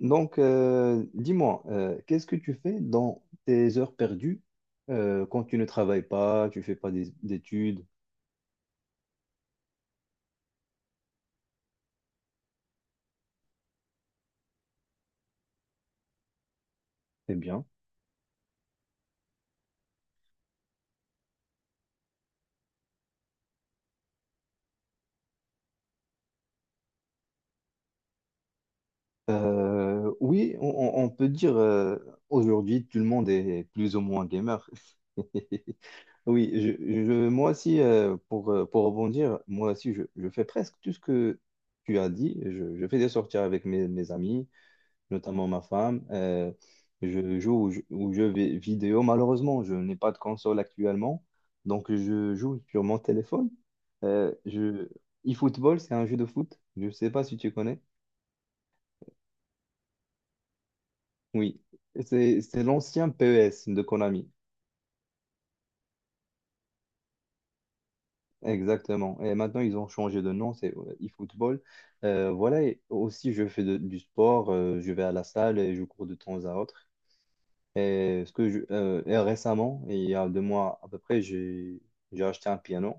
Donc, dis-moi, qu'est-ce que tu fais dans tes heures perdues, quand tu ne travailles pas, tu fais pas d'études? Eh bien, oui, on peut dire, aujourd'hui tout le monde est plus ou moins gamer. Oui, moi aussi, pour rebondir, moi aussi, je fais presque tout ce que tu as dit. Je fais des sorties avec mes amis. Notamment ma femme. Je joue aux jeux vidéo. Malheureusement, je n'ai pas de console actuellement, donc je joue sur mon téléphone. Euh, je... eFootball, c'est un jeu de foot. Je ne sais pas si tu connais. Oui, c'est l'ancien PES de Konami. Exactement. Et maintenant, ils ont changé de nom, c'est, eFootball. Voilà, et aussi, je fais du sport, je vais à la salle et je cours de temps à autre. Et récemment, il y a 2 mois à peu près, j'ai acheté un piano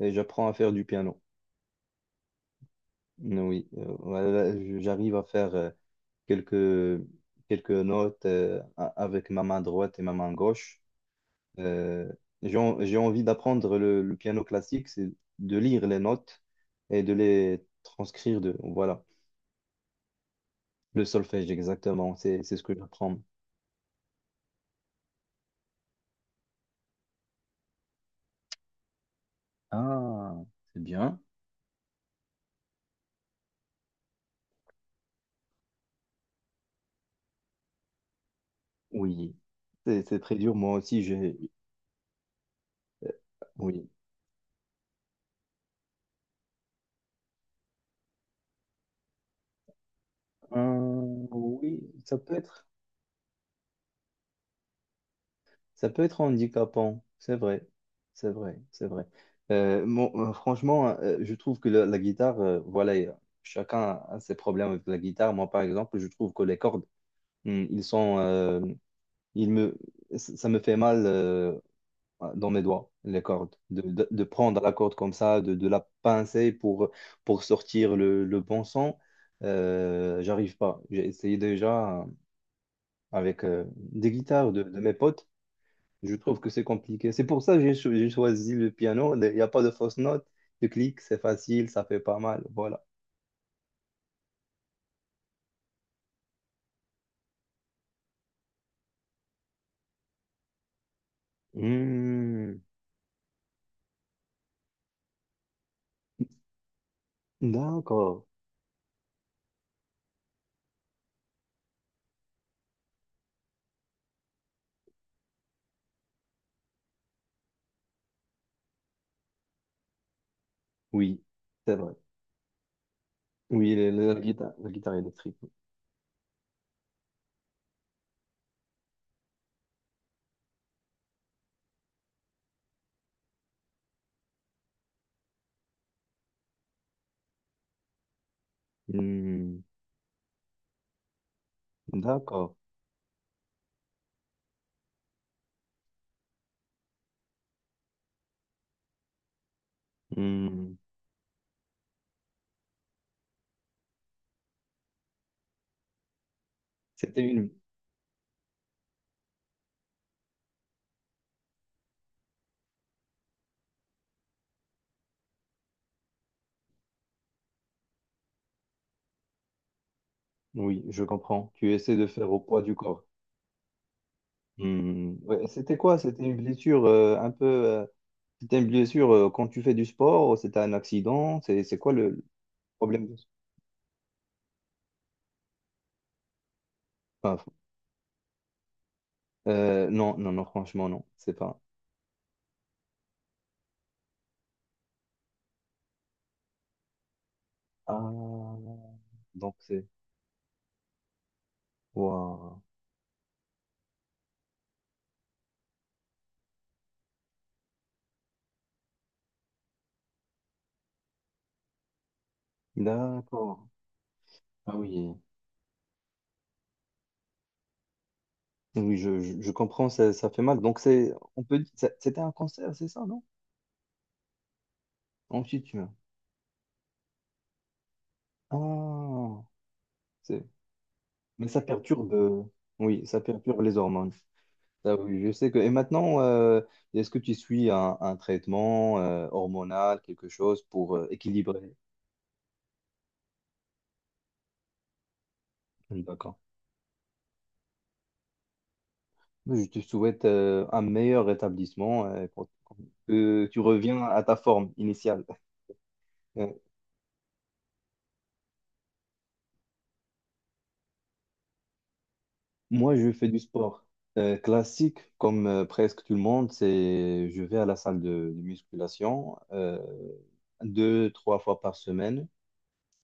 et j'apprends à faire du piano. Oui, voilà, j'arrive à faire, quelques, quelques notes, avec ma main droite et ma main gauche. Euh, j'ai envie d'apprendre le piano classique, c'est de lire les notes et de les transcrire de, voilà, le solfège exactement, c'est ce que j'apprends. Ah, c'est bien. Oui, c'est très dur. Moi aussi, j'ai... Oui. Oui, ça peut être handicapant, c'est vrai, c'est vrai, c'est vrai. Franchement, je trouve que la guitare, voilà, chacun a ses problèmes avec la guitare. Moi, par exemple, je trouve que les cordes, ils sont, ils me, ça me fait mal, dans mes doigts, les cordes, de prendre la corde comme ça, de la pincer pour sortir le bon son. J'arrive pas. J'ai essayé déjà avec, des guitares de mes potes, je trouve que c'est compliqué. C'est pour ça que j'ai choisi le piano. Il n'y a pas de fausses notes. Tu cliques, c'est facile, ça fait pas mal. Voilà. Hmm, d'accord. Oui, c'est vrai. Oui, la guitare électrique. Oui. Hmm, d'accord. Hmm, c'était une... Oui, je comprends. Tu essaies de faire au poids du corps. Hmm, ouais, c'était quoi? C'était une blessure, quand tu fais du sport, c'était un accident, c'est quoi le problème? Paf. Non, non, non, franchement, non. C'est pas. Ah, donc c'est. Waouh. D'accord. Ah oui. Oui, je comprends, ça fait mal. Donc c'est. On peut dire. C'était un cancer, c'est ça, non? Ensuite, tu meurs. Ah. C'est... Mais ça perturbe. Oui, ça perturbe les hormones. Ah oui, je sais que. Et maintenant, est-ce que tu suis un traitement, hormonal, quelque chose pour, équilibrer? D'accord. Je te souhaite, un meilleur rétablissement, que tu reviens à ta forme initiale. Euh, Moi, je fais du sport, classique, comme, presque tout le monde. Je vais à la salle de musculation, deux, trois fois par semaine.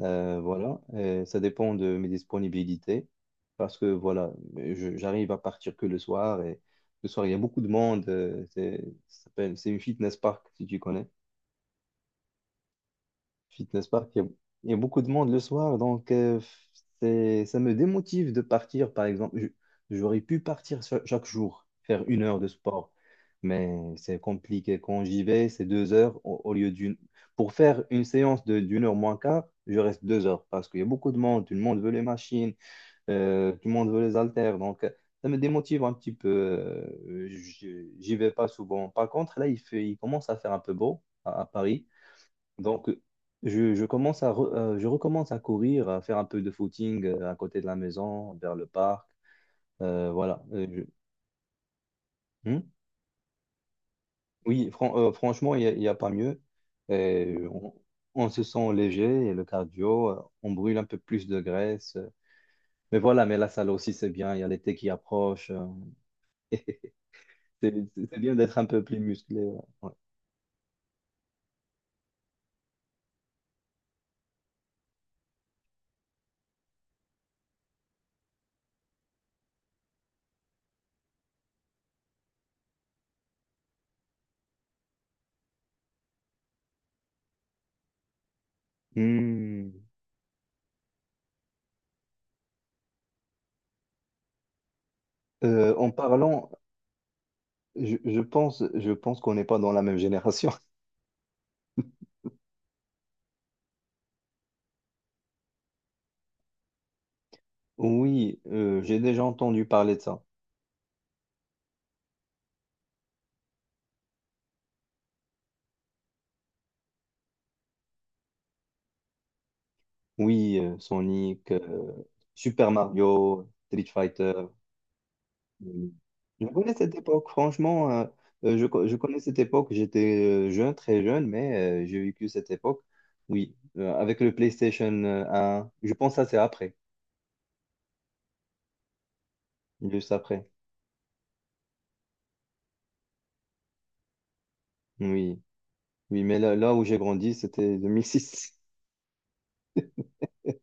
Voilà, Et ça dépend de mes disponibilités parce que voilà, j'arrive à partir que le soir et le soir, il y a beaucoup de monde. C'est une Fitness Park si tu connais. Fitness Park, il y a beaucoup de monde le soir, donc, ça me démotive de partir, par exemple. J'aurais pu partir chaque jour, faire 1 heure de sport, mais c'est compliqué. Quand j'y vais, c'est 2 heures au lieu d'une. Pour faire une séance d'une heure moins quart, je reste 2 heures parce qu'il y a beaucoup de monde, tout le monde veut les machines, tout le monde veut les haltères, donc, ça me démotive un petit peu. J'y vais pas souvent. Par contre, là, il commence à faire un peu beau à Paris. Donc, je recommence à courir, à faire un peu de footing, à côté de la maison, vers le parc. Voilà. Hmm. Oui, franchement, il y a pas mieux. Et on se sent léger et le cardio, on brûle un peu plus de graisse. Mais voilà, mais la salle aussi, c'est bien. Il y a l'été qui approche. C'est bien d'être un peu plus musclé. Ouais. Ouais. Hmm. En parlant, je pense, Je pense qu'on n'est pas dans la même génération. Oui, j'ai déjà entendu parler de ça. Oui, Sonic, Super Mario, Street Fighter. euh, Je connais cette époque, franchement, je connais cette époque. J'étais, jeune, très jeune, mais, j'ai vécu cette époque. Oui, avec le PlayStation, 1. Je pense que ça, c'est après, juste après. Oui, oui, mais là, là où j'ai grandi, c'était 2006.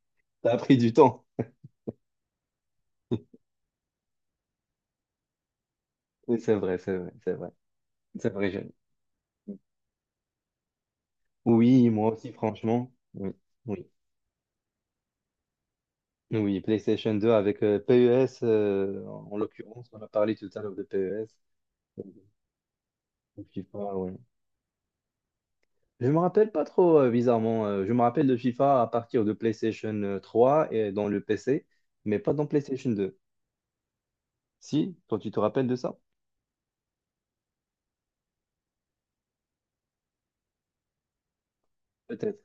Ça a pris du temps. Oui, c'est vrai, c'est vrai, c'est vrai. C'est vrai, j'ai- Oui, moi aussi, franchement. Oui. Oui. Oui, PlayStation 2 avec, PES, en l'occurrence, on a parlé tout à l'heure de PES. euh, FIFA, ouais. Je me rappelle pas trop, bizarrement. Je me rappelle de FIFA à partir de PlayStation, 3 et dans le PC, mais pas dans PlayStation 2. Si, toi, tu te rappelles de ça? Peut-être.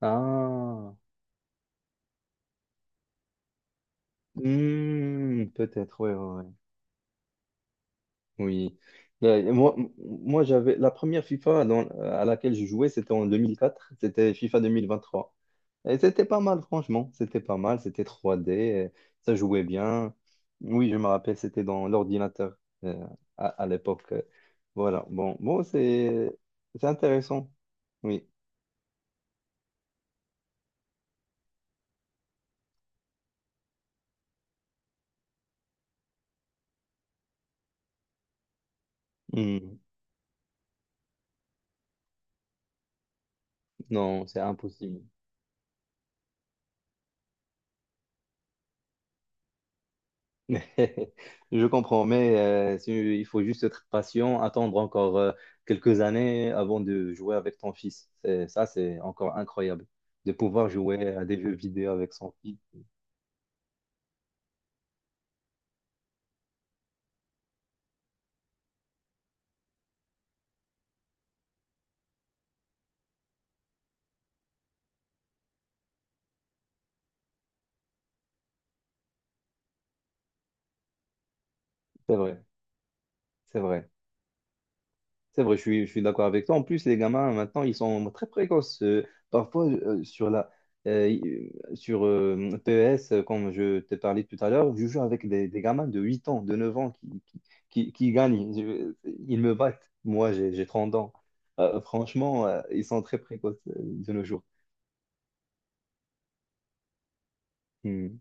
Ah, Hmm, peut-être, oui, oui. Euh, moi, Moi, j'avais la première FIFA à laquelle je jouais, c'était en 2004, c'était FIFA 2023. Et c'était pas mal, franchement, c'était pas mal, c'était trois d euh, ça jouait bien. Oui, je me rappelle, c'était dans l'ordinateur euh, à l'époque. Voilà, bon, c'est intéressant. Oui. Hmm. Non, c'est impossible. Je comprends, mais, il faut juste être patient, attendre encore, quelques années avant de jouer avec ton fils. Ça, c'est encore incroyable de pouvoir jouer à des jeux vidéo avec son fils. C'est vrai, c'est vrai. C'est vrai, je suis d'accord avec toi. En plus, les gamins, maintenant, ils sont très précoces. Parfois, euh, sur la, euh, sur, PES, comme je t'ai parlé tout à l'heure, je joue avec des gamins de 8 ans, de 9 ans qui gagnent. Ils me battent. Moi, j'ai 30 ans. Franchement, ils sont très précoces, de nos jours. Hmm.